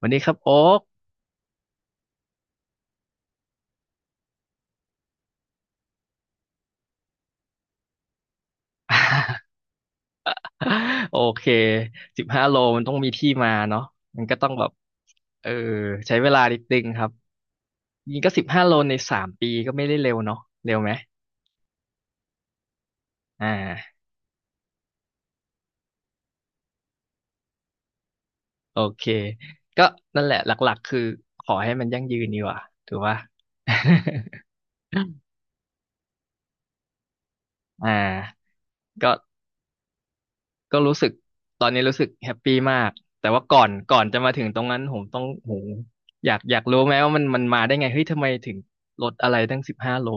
วันนี้ครับโอ๊ก โอเค15 โลมันต้องมีที่มาเนาะมันก็ต้องแบบเออใช้เวลานิดนึงครับยิงก็สิบห้าโลใน3 ปีก็ไม่ได้เร็วเนาะเร็วไหมอ่าโอเคก็นั่นแหละหลักๆคือขอให้มันยั่งยืนดีกว่าถือว่า อ่าก็ ก็รู้สึกตอนนี้รู้สึกแฮปปี้มากแต่ว่าก่อนจะมาถึงตรงนั้นผมต้องโหอยากรู้ไหมว่ามันมาได้ไงเฮ้ยทำไมถึงลดอะไรตั้งสิบห้าโล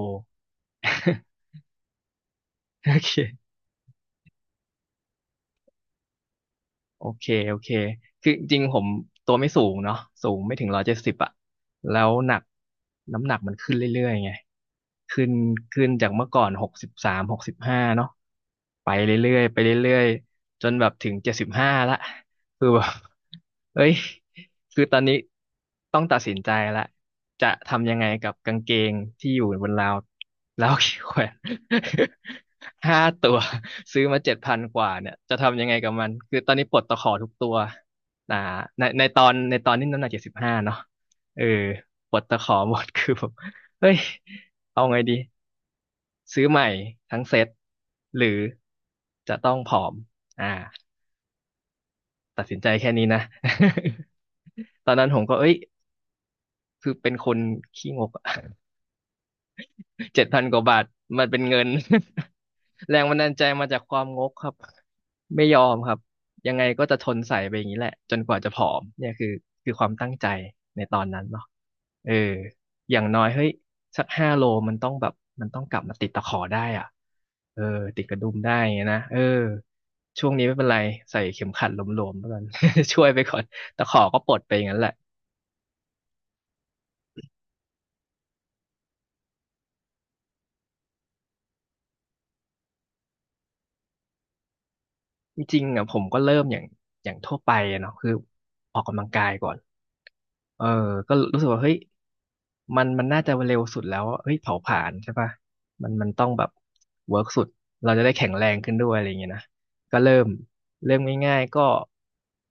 โอเค โอเคโอเคคือจริงๆผมตัวไม่สูงเนาะสูงไม่ถึง170อะแล้วหนักน้ำหนักมันขึ้นเรื่อยๆไงขึ้นขึ้นจากเมื่อก่อน6365เนาะไปเรื่อยๆไปเรื่อยๆจนแบบถึงเจ็ดสิบห้าละคือแบบ เอ้ยคือตอนนี้ต้องตัดสินใจละจะทำยังไงกับกางเกงที่อยู่บนราว แล้วขี้แขวน 5 ตัวซื้อมาเจ็ดพันกว่าเนี่ยจะทำยังไงกับมันคือตอนนี้ปลดตะขอทุกตัวอ่าในตอนนี้น้ำหนักเจ็ดสิบห้าเนาะเออปลดตะขอหมด คือผมเฮ้ยเอาไงดีซื้อใหม่ทั้งเซ็ตหรือจะต้องผอมอ่าตัดสินใจแค่นี้นะ ตอนนั้นผมก็เอ้ยคือเป็นคนขี้งกอะ เจ็ดพันกว่าบาทมันเป็นเงิน แรงบันดาลใจมาจากความงกครับไม่ยอมครับยังไงก็จะทนใส่ไปอย่างนี้แหละจนกว่าจะผอมเนี่ยคือคือความตั้งใจในตอนนั้นเนาะเอออย่างน้อยเฮ้ยสักห้าโลมันต้องแบบมันต้องกลับมาติดตะขอได้อ่ะเออติดกระดุมได้ไงนะเออช่วงนี้ไม่เป็นไรใส่เข็มขัดหลวมๆแล้วกัน ช่วยไปก่อนตะขอก็ปลดไปอย่างนั้นแหละ จริงๆอ่ะผมก็เริ่มอย่างทั่วไปอะเนาะคือออกกำลังกายก่อนเออก็รู้สึกว่าเฮ้ยมันน่าจะเร็วสุดแล้วเฮ้ยเผาผลาญใช่ป่ะมันต้องแบบเวิร์กสุดเราจะได้แข็งแรงขึ้นด้วยอะไรอย่างเงี้ยนะก็เริ่มง่ายๆก็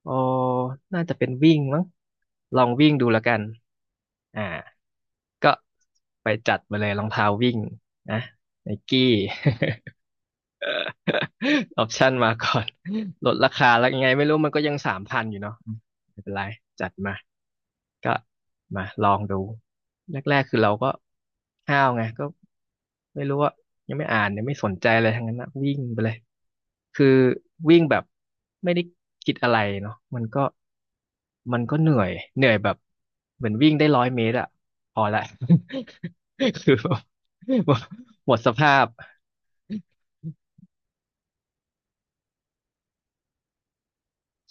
เออน่าจะเป็นวิ่งมั้งลองวิ่งดูแล้วกันอ่าก็ไปจัดมาเลยรองเท้าวิ่งนะไนกี้ ออปชั่นมาก่อนลดราคาแล้วยังไงไม่รู้มันก็ยังสามพันอยู่เนาะไม่เป็นไรจัดมาก็มาลองดูแรกๆคือเราก็ห้าวไงก็ไม่รู้ว่ายังไม่อ่านยังไม่สนใจอะไรทั้งนั้นนะวิ่งไปเลยคือวิ่งแบบไม่ได้คิดอะไรเนาะมันก็เหนื่อยเหนื่อยแบบเหมือนวิ่งได้100 เมตรอะพอละ คือแบบหมดสภาพ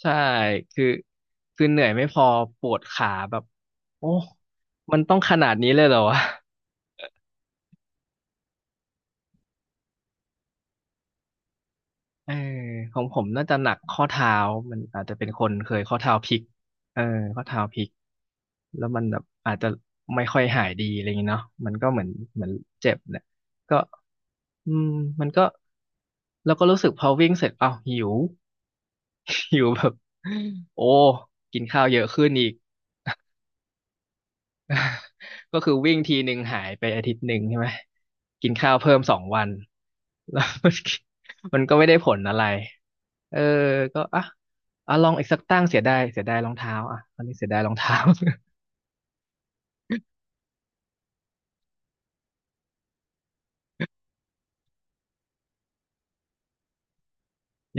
ใช่ คือคือเหนื่อยไม่พอปวดขาแบบโอ้มันต้องขนาดนี้เลยเหรอวะเออของผมน่าจะหนักข้อเท้า มันอาจจะเป็นคนเคยข้อเท้าพลิกเออข้อเท้าพลิก แล้วมันแบบอาจจะไม่ค่อยหายดีอะไรอย่างเงี้ยเนาะมันก็เหมือนเหมือนเจ็บเนี่ยก็อืมมันก็แล้วก็รู้สึกพอวิ่งเสร็จอ้าวหิว หิวแบบโอ้กินข้าวเยอะขึ้นอีก ก็คือวิ่งทีหนึ่งหายไปอาทิตย์หนึ่งใช่ไหมกินข้าวเพิ่ม2 วัน แล้วมันก็ไม่ได้ผลอะไรเออก็อ่ะลองอีกสักตั้งเสียดายเสียดายรองเท้าอ่ะตอนนี้เสียดายรองเท้า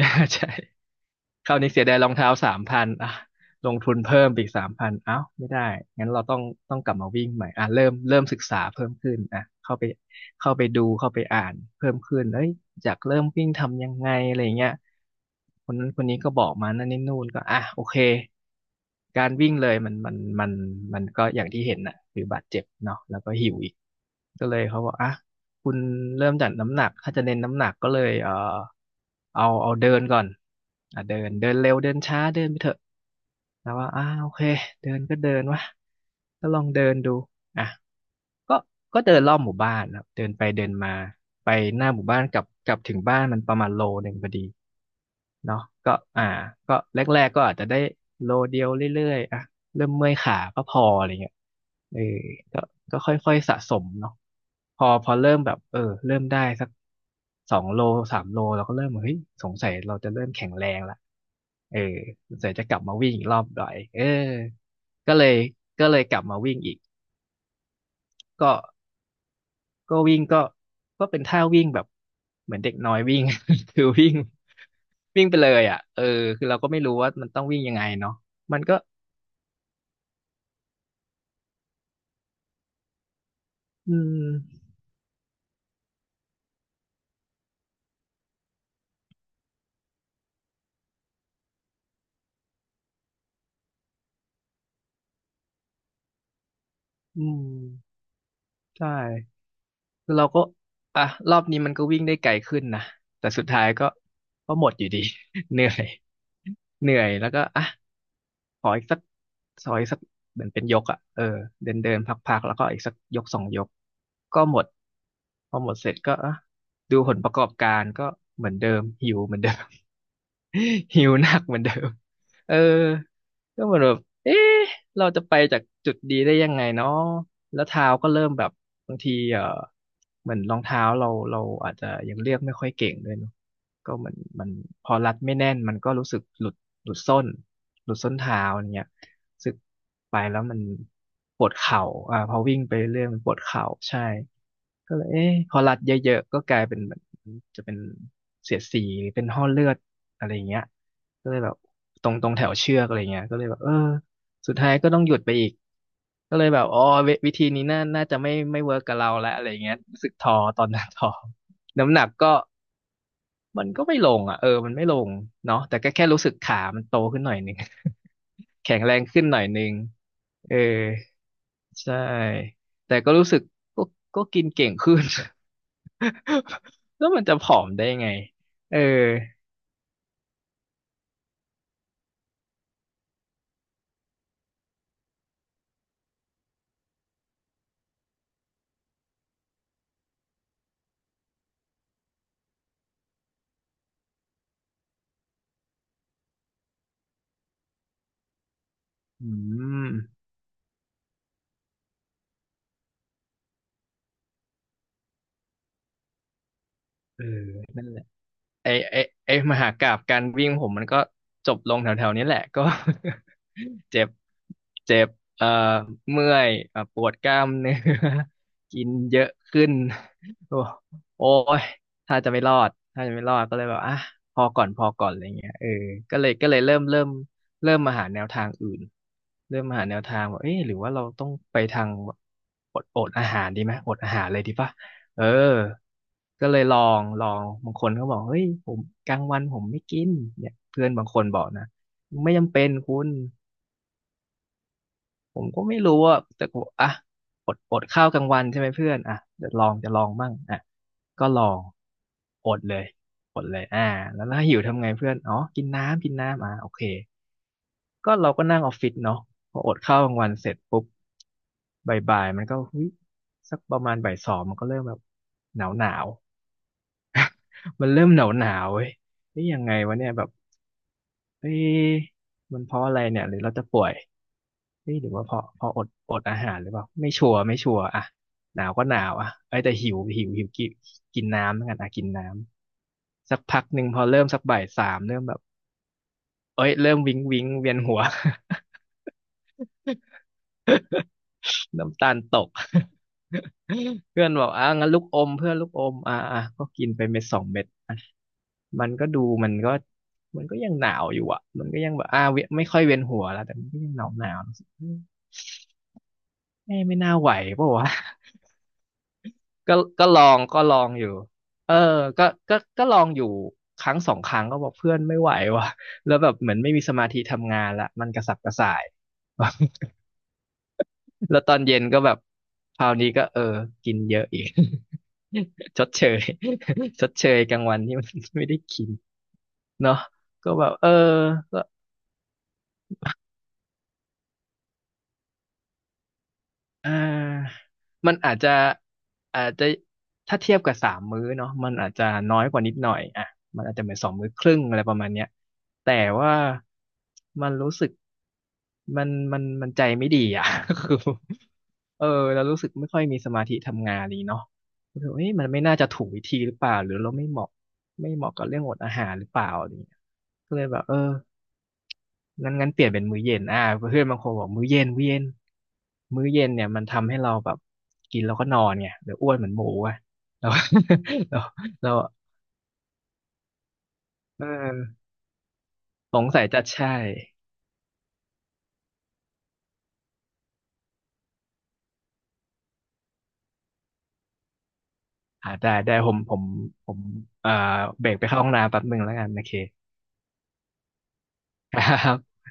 ใช่ คราวนี้เสียดายรองเท้าสามพันอ่ะลงทุนเพิ่มไปอีกสามพันอ้าวไม่ได้งั้นเราต้องกลับมาวิ่งใหม่อ่ะเริ่มศึกษาเพิ่มขึ้นอ่ะเข้าไปเข้าไปดูเข้าไปอ่านเพิ่มขึ้นเอ้ยอยากเริ่มวิ่งทำยังไงอะไรอย่างเงี้ยคนนั้นคนนี้ก็บอกมานั่นนี่นู่นก็อ่ะโอเคการวิ่งเลยมันก็อย่างที่เห็นน่ะคือบาดเจ็บเนาะแล้วก็หิวอีกก็เลยเขาบอกอ่ะ คุณเริ่มจากน้ำหนักถ้าจะเน้นน้ำหนักก็เลยเอาเดินก่อนอ่ะเดินเดินเร็วเดินช้าเดินไปเถอะแล้วว่าอ้าโอเคเดินก็เดินวะก็ลองเดินดูอ่ะก็เดินรอบหมู่บ้านนะครับเดินไปเดินมาไปหน้าหมู่บ้านกลับถึงบ้านมันประมาณโลหนึ่งพอดีเนาะก็อ่าก็แรกๆก็อาจจะได้โลเดียวเรื่อยๆอ่ะ เริ่มเมื่อยขาก็พออะไรเงี้ยเออก็ค่อยๆสะสมเนาะพอเริ่มแบบเออเริ่มได้สัก2 โล3 โลเราก็เริ่มเฮ้ย สงสัยเราจะเริ่มแข็งแรงละเออสงสัยจะกลับมาวิ่งอีกรอบหน่อยเออก็เลยก็เลยกลับมาวิ่งอีกก็ก็วิ่งก็เป็นท่าวิ่งแบบเหมือนเด็กน้อยวิ่ง คือวิ่งวิ่งไปเลยอ่ะเออคือเราก็ไม่รู้ว่ามันต้องวิ่งยังไงเนาะมันก็อืมอืมใช่ คือเราก็อ่ะรอบนี้มันก็วิ่งได้ไกลขึ้นนะแต่สุดท้ายก็ก็หมดอยู่ดี เหนื่อยเหนื่อยแล้วก็อ่ะ ขออีกสักขออีกสักเหมือนเป็นยกอ่ะเออเดินเดินพักๆแล้วก็อีกสักยกสองยกก็หมดพอหมดเสร็จก็อ่ะดูผลประกอบการก็เหมือนเดิมหิวเหมือนเดิม หิวหนักเหมือนเดิมเออก็เหมือนแบบเอ๊ะเราจะไปจากจุดดีได้ยังไงเนาะแล้วเท้าก็เริ่มแบบบางทีเออเหมือนรองเท้าเราอาจจะยังเลือกไม่ค่อยเก่งด้วยเนอะ ก็เหมือนมันพอรัดไม่แน่นมันก็รู้สึกหลุดหลุดส้นหลุดส้นเท้าอย่างเงี้ยรู้สึกไปแล้วมันปวดเข่าอ่าพอวิ่งไปเรื่อยมันปวดเข่าใช่ก็เลยเอ๊ะพอรัดเยอะๆก็กลายเป็นเหมือนจะเป็นเสียดสีหรือเป็นห้อเลือดอะไรอย่างเงี้ยก็เลยแบบตรงแถวเชือกอะไรเงี้ยก็เลยแบบเออสุดท้ายก็ต้องหยุดไปอีกก็เลยแบบอ๋อวิธีนี้น่าจะไม่เวิร์กกับเราแล้วอะไรเงี้ยรู้สึกท้อตอนนั้น ท้อน้ำหนักก็ มันก็ไม่ลงอ่ะเออมันไม่ลงเนาะแต่ก็แค่รู้สึกขา มันโตขึ้นหน่อยหนึง แข็งแรงขึ้นหน่อยหนึงเออใช่แต่ก็รู้สึกก็ก็กินเก่งขึ้น แล้วมันจะผอมได้ไงเอออืมเออนั่นแหละ ไอไอไอมหากาพย์การวิ่งผมมันก็จบลงแถวๆนี้แหละก็ เจ็บเจ็บเอ่อเมื่อยปวดกล้ามเนื้อ กินเยอะขึ้น โอ้โอ้ยถ้าจะไม่รอดถ้าจะไม่รอดก็เลยแบบอ่ะพอก่อนอะไรเงี้ยเออก็เลยเริ่มมาหาแนวทางอื่นเริ่มมาหาแนวทางว่าเอ๊ะหรือว่าเราต้องไปทางอดอาหารดีไหมอดอาหารเลยดีปะ เออก็เลยลองลองบางคนก็บอกเฮ้ยผมกลางวันผมไม่กินเนี่ยเพื่อนบางคนบอกนะไม่จำเป็นคุณผมก็ไม่รู้ว่าแต่ผมอ่ะอดข้าวกลางวันใช่ไหมเพื่อนอ่ะจะลองมั่งอ่ะก็ลอง อดเลยอดเลยอ่าแล้วถ้าหิวทำไงเพื่อนอ๋อกินน้ำกินน้ำอ่ะโอเคก็เราก็นั่งออฟฟิศเนาะพออดข้าวกลางวันเสร็จปุ๊บบ่ายๆมันก็เฮ้ยสักประมาณบ่ายสองมันก็เริ่มแบบหนาวหนาว มันเริ่มหนาวหนาวเว้ยเฮ้ยยังไงวะเนี่ยแบบเฮ้ยมันเพราะอะไรเนี่ยหรือเราจะป่วยเฮ้ยหรือว่าเพราะอดอาหารหรือเปล่าไม่ชัวร์อ่ะหนาวก็หนาวอ่ะไอ้ยแต่หิวหิวหิวกินกินน้ำเหมือนกันอ่ะกินน้ำสักพักหนึ่งพอเริ่มสักบ่ายสามเริ่มแบบเอ้ยเริ่มงวิงเวียนหัว น้ำตาลตก เพื่อนบอกอ่ะงั้นลูกอมเพื่อนลูกอมอ่ะอ่ะก็กินไปเม็ดสองเม็ด มันก็ดูมันก็มันก็ยังหนาวอยู่อ่ะมันก็ยังแบบอ่าเวยไม่ค่อยเวียนหัวแล้วแต่มันก็ยังหนาวหนาวไม่น่าไหวเปล่าวะ ก็ก็ลองอยู่เออก็ลองอยู่ครั้งสองครั้งก็บอกเพื่อนไม่ไหวว่ะ แล้วแบบเหมือนไม่มีสมาธิทำงานละมันกระสับกระส่าย แล้วตอนเย็นก็แบบคราวนี้ก็เออกินเยอะอีก ชดเชย ชดเชยกลางวันที่มัน ไม่ได้กินเนาะก็แบบเออก็ อ่ามันอาจจะถ้าเทียบกับสามมื้อเนาะมันอาจจะน้อยกว่านิดหน่อยอ่ะมันอาจจะเหมือนสองมื้อครึ่งอะไรประมาณเนี้ยแต่ว่ามันรู้สึกมันใจไม่ดีอ่ะ คือเออเรารู้สึกไม่ค่อยมีสมาธิทำงานนี้เนาะรู้สึกว่าเอ๊ะมันไม่น่าจะถูกวิธีหรือเปล่าหรือเราไม่เหมาะกับเรื่องอดอาหารหรือเปล่าอะไรอย่างเงี้ยก็เลยแบบเออ งั้นเปลี่ยนเป็นมื้อเย็นอ่าเพื่อนบางคนบอกมื้อเย็นมื้อเย็นเนี่ยมันทำให้เราแบบกินแล้วก็นอนไงเดี๋ยวอ้วนเหมือนหมูอ่ะเรา เราเรา เออสงสัยจะใช่อ่าได้ได้ผมเอ่อเบรกไปเข้าห้องน้ำแป๊บหนึ่งแล้วกันโอเคครับ